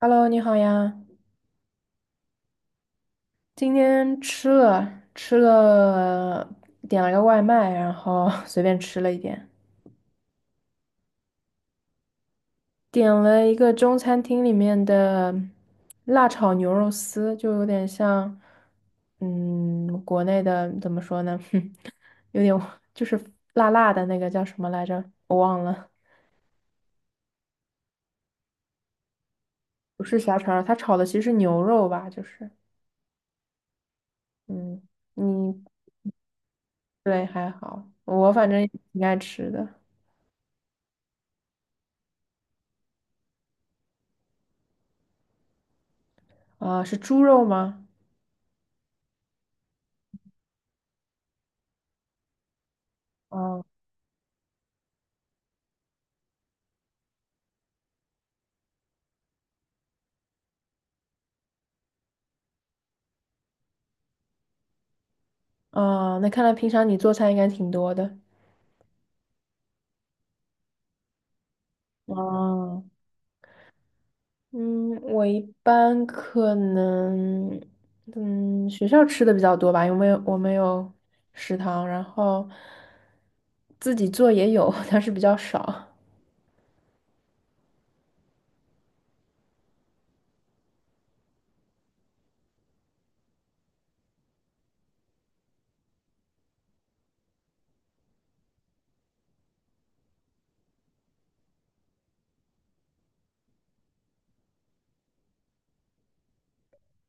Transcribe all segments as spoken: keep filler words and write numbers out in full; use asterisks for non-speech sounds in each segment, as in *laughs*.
Hello，你好呀。今天吃了吃了，点了个外卖，然后 *laughs* 随便吃了一点，点了一个中餐厅里面的辣炒牛肉丝，就有点像，嗯，国内的怎么说呢？*laughs* 哼，有点就是辣辣的那个叫什么来着？我忘了，不是虾肠儿，它炒的其实是牛肉吧？就是，嗯，你对还好，我反正也挺爱吃的。啊，是猪肉吗？嗯。哦，那看来平常你做菜应该挺多的。哦，嗯，我一般可能，嗯，学校吃的比较多吧，因为我没有我没有食堂，然后自己做也有，但是比较少。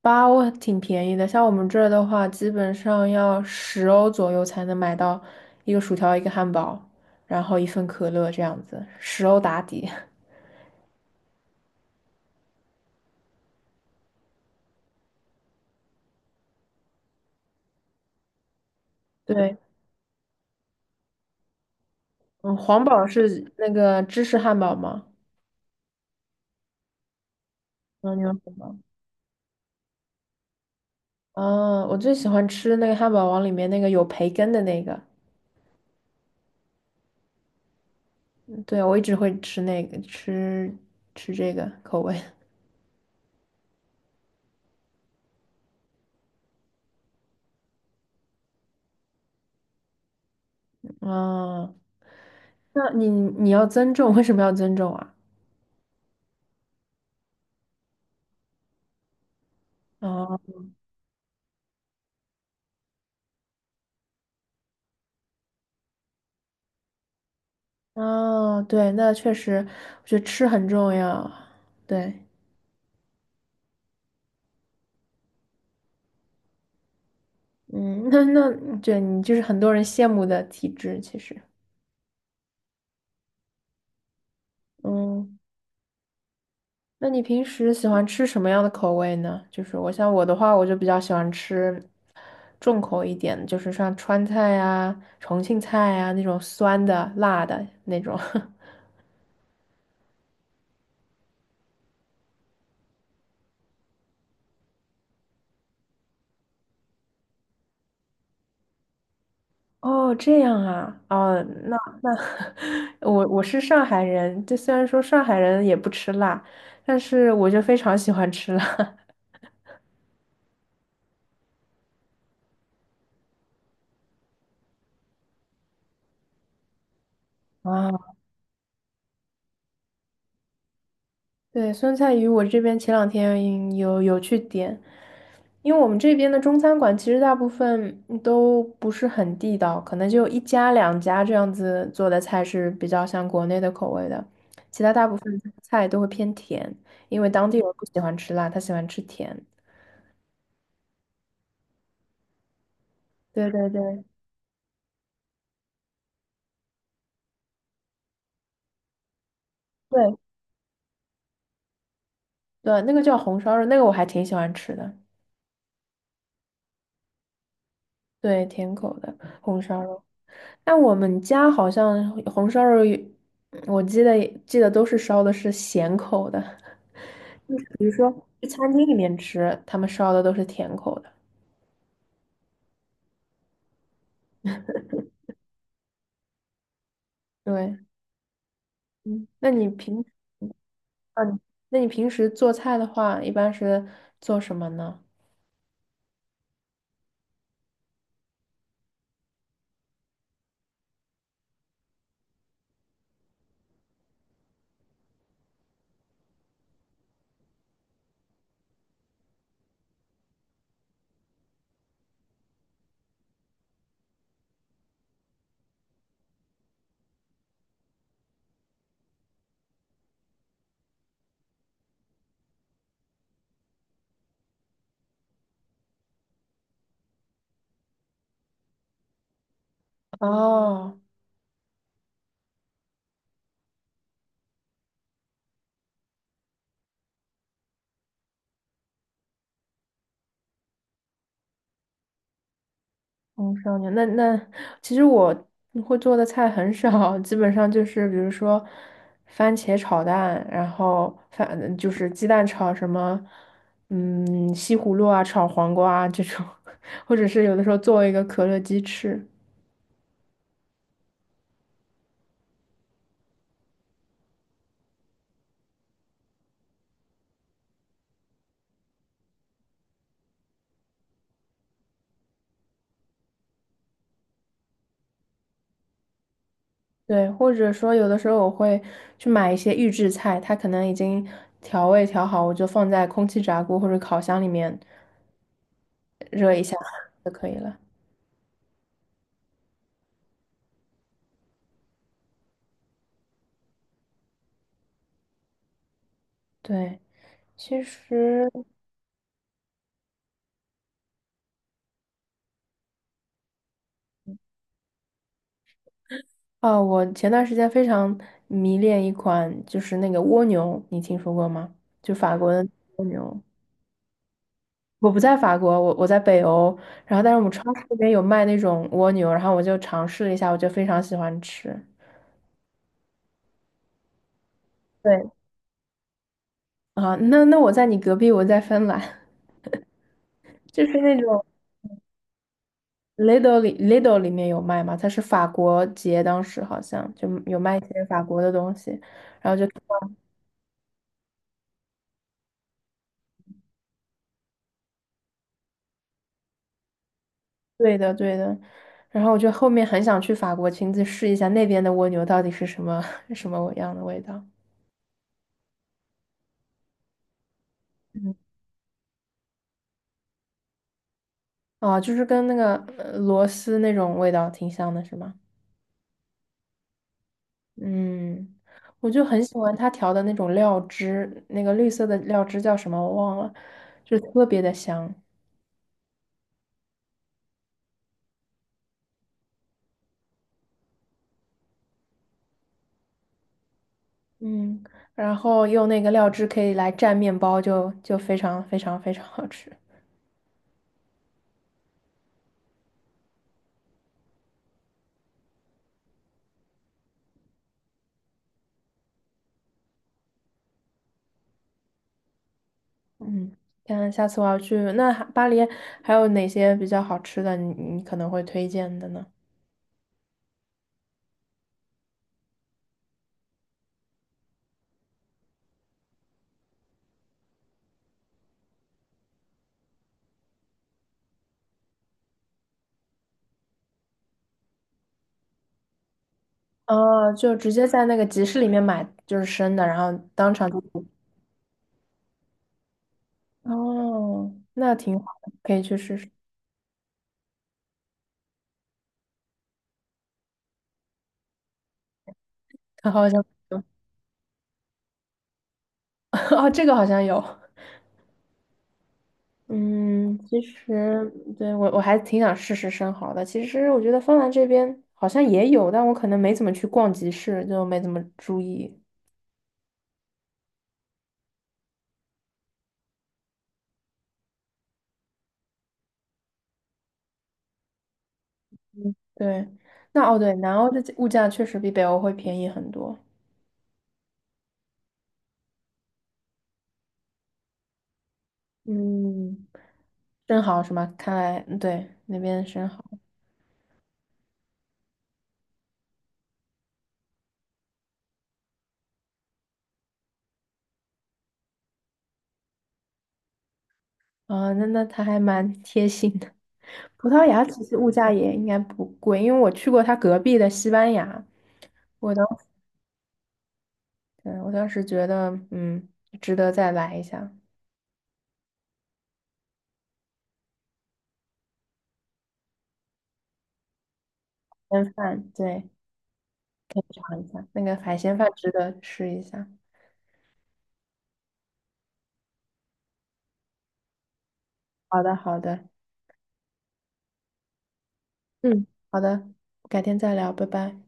包挺便宜的，像我们这儿的话，基本上要十欧左右才能买到一个薯条、一个汉堡，然后一份可乐这样子，十欧打底。*laughs* 对，嗯，皇堡是那个芝士汉堡吗？嗯，你要什么？嗯，我最喜欢吃那个汉堡王里面那个有培根的那个，对，我一直会吃那个，吃吃这个口味。嗯，那你你要增重，为什么要增重啊？哦哦，对，那确实，我觉得吃很重要。对，嗯，那那对你就是很多人羡慕的体质，其实，嗯。那你平时喜欢吃什么样的口味呢？就是我像我的话，我就比较喜欢吃重口一点的，就是像川菜啊、重庆菜啊那种酸的、辣的那种。*laughs* 哦，这样啊，哦，那那 *laughs* 我我是上海人，就虽然说上海人也不吃辣，但是我就非常喜欢吃辣。*laughs* 啊，对，酸菜鱼我这边前两天有有去点，因为我们这边的中餐馆其实大部分嗯都不是很地道，可能就一家两家这样子做的菜是比较像国内的口味的，其他大部分菜都会偏甜，因为当地人不喜欢吃辣，他喜欢吃甜。对对对对对，那个叫红烧肉，那个我还挺喜欢吃的，对，甜口的红烧肉。但我们家好像红烧肉也我记得记得都是烧的是咸口的，比如说去餐厅里面吃，他们烧的都是甜口的。对，嗯，那你平时，嗯，那你平时做菜的话，一般是做什么呢？哦，红烧牛，那那其实我会做的菜很少，基本上就是比如说番茄炒蛋，然后反就是鸡蛋炒什么，嗯，西葫芦啊，炒黄瓜啊这种，*laughs* 或者是有的时候做一个可乐鸡翅。对，或者说有的时候我会去买一些预制菜，它可能已经调味调好，我就放在空气炸锅或者烤箱里面热一下就可以了。对，其实哦，我前段时间非常迷恋一款就是那个蜗牛，你听说过吗？就法国的蜗牛。我不在法国，我我在北欧，然后但是我们超市那边有卖那种蜗牛，然后我就尝试了一下，我就非常喜欢吃。对啊，那那我在你隔壁，我在芬兰。*laughs* 就是那种 Lidl 里 Lidl 里面有卖吗？它是法国节，当时好像就有卖一些法国的东西，然后就对的对的，然后我就后面很想去法国亲自试一下那边的蜗牛到底是什么 *laughs* 什么样的味道。嗯，啊，就是跟那个呃螺丝那种味道挺像的，是吗？嗯，我就很喜欢它调的那种料汁，那个绿色的料汁叫什么我忘了，就特别的香。嗯，然后用那个料汁可以来蘸面包就，就非常非常非常好吃。嗯，看下次我要去，那还巴黎还有哪些比较好吃的你，你可能会推荐的呢？哦，就直接在那个集市里面买，就是生的，然后当场就煮哦，那挺好的，可以去试试。*laughs* 好像 *laughs* 哦，这个好像有。嗯，其实对我我还挺想试试生蚝的。其实我觉得芬兰这边好像也有，但我可能没怎么去逛集市，就没怎么注意。对，那哦对，南欧的物价确实比北欧会便宜很多。嗯，生蚝是吗？看来嗯对那边生蚝啊，那那他还蛮 *laughs* 贴心的。*laughs* 葡萄牙其实物价也应该不贵，因为我去过他隔壁的西班牙，我当时对我当时觉得嗯值得再来一下，边饭对。尝一下，那个海鲜饭值得试一下。好的，好的，嗯，好的，改天再聊，拜拜。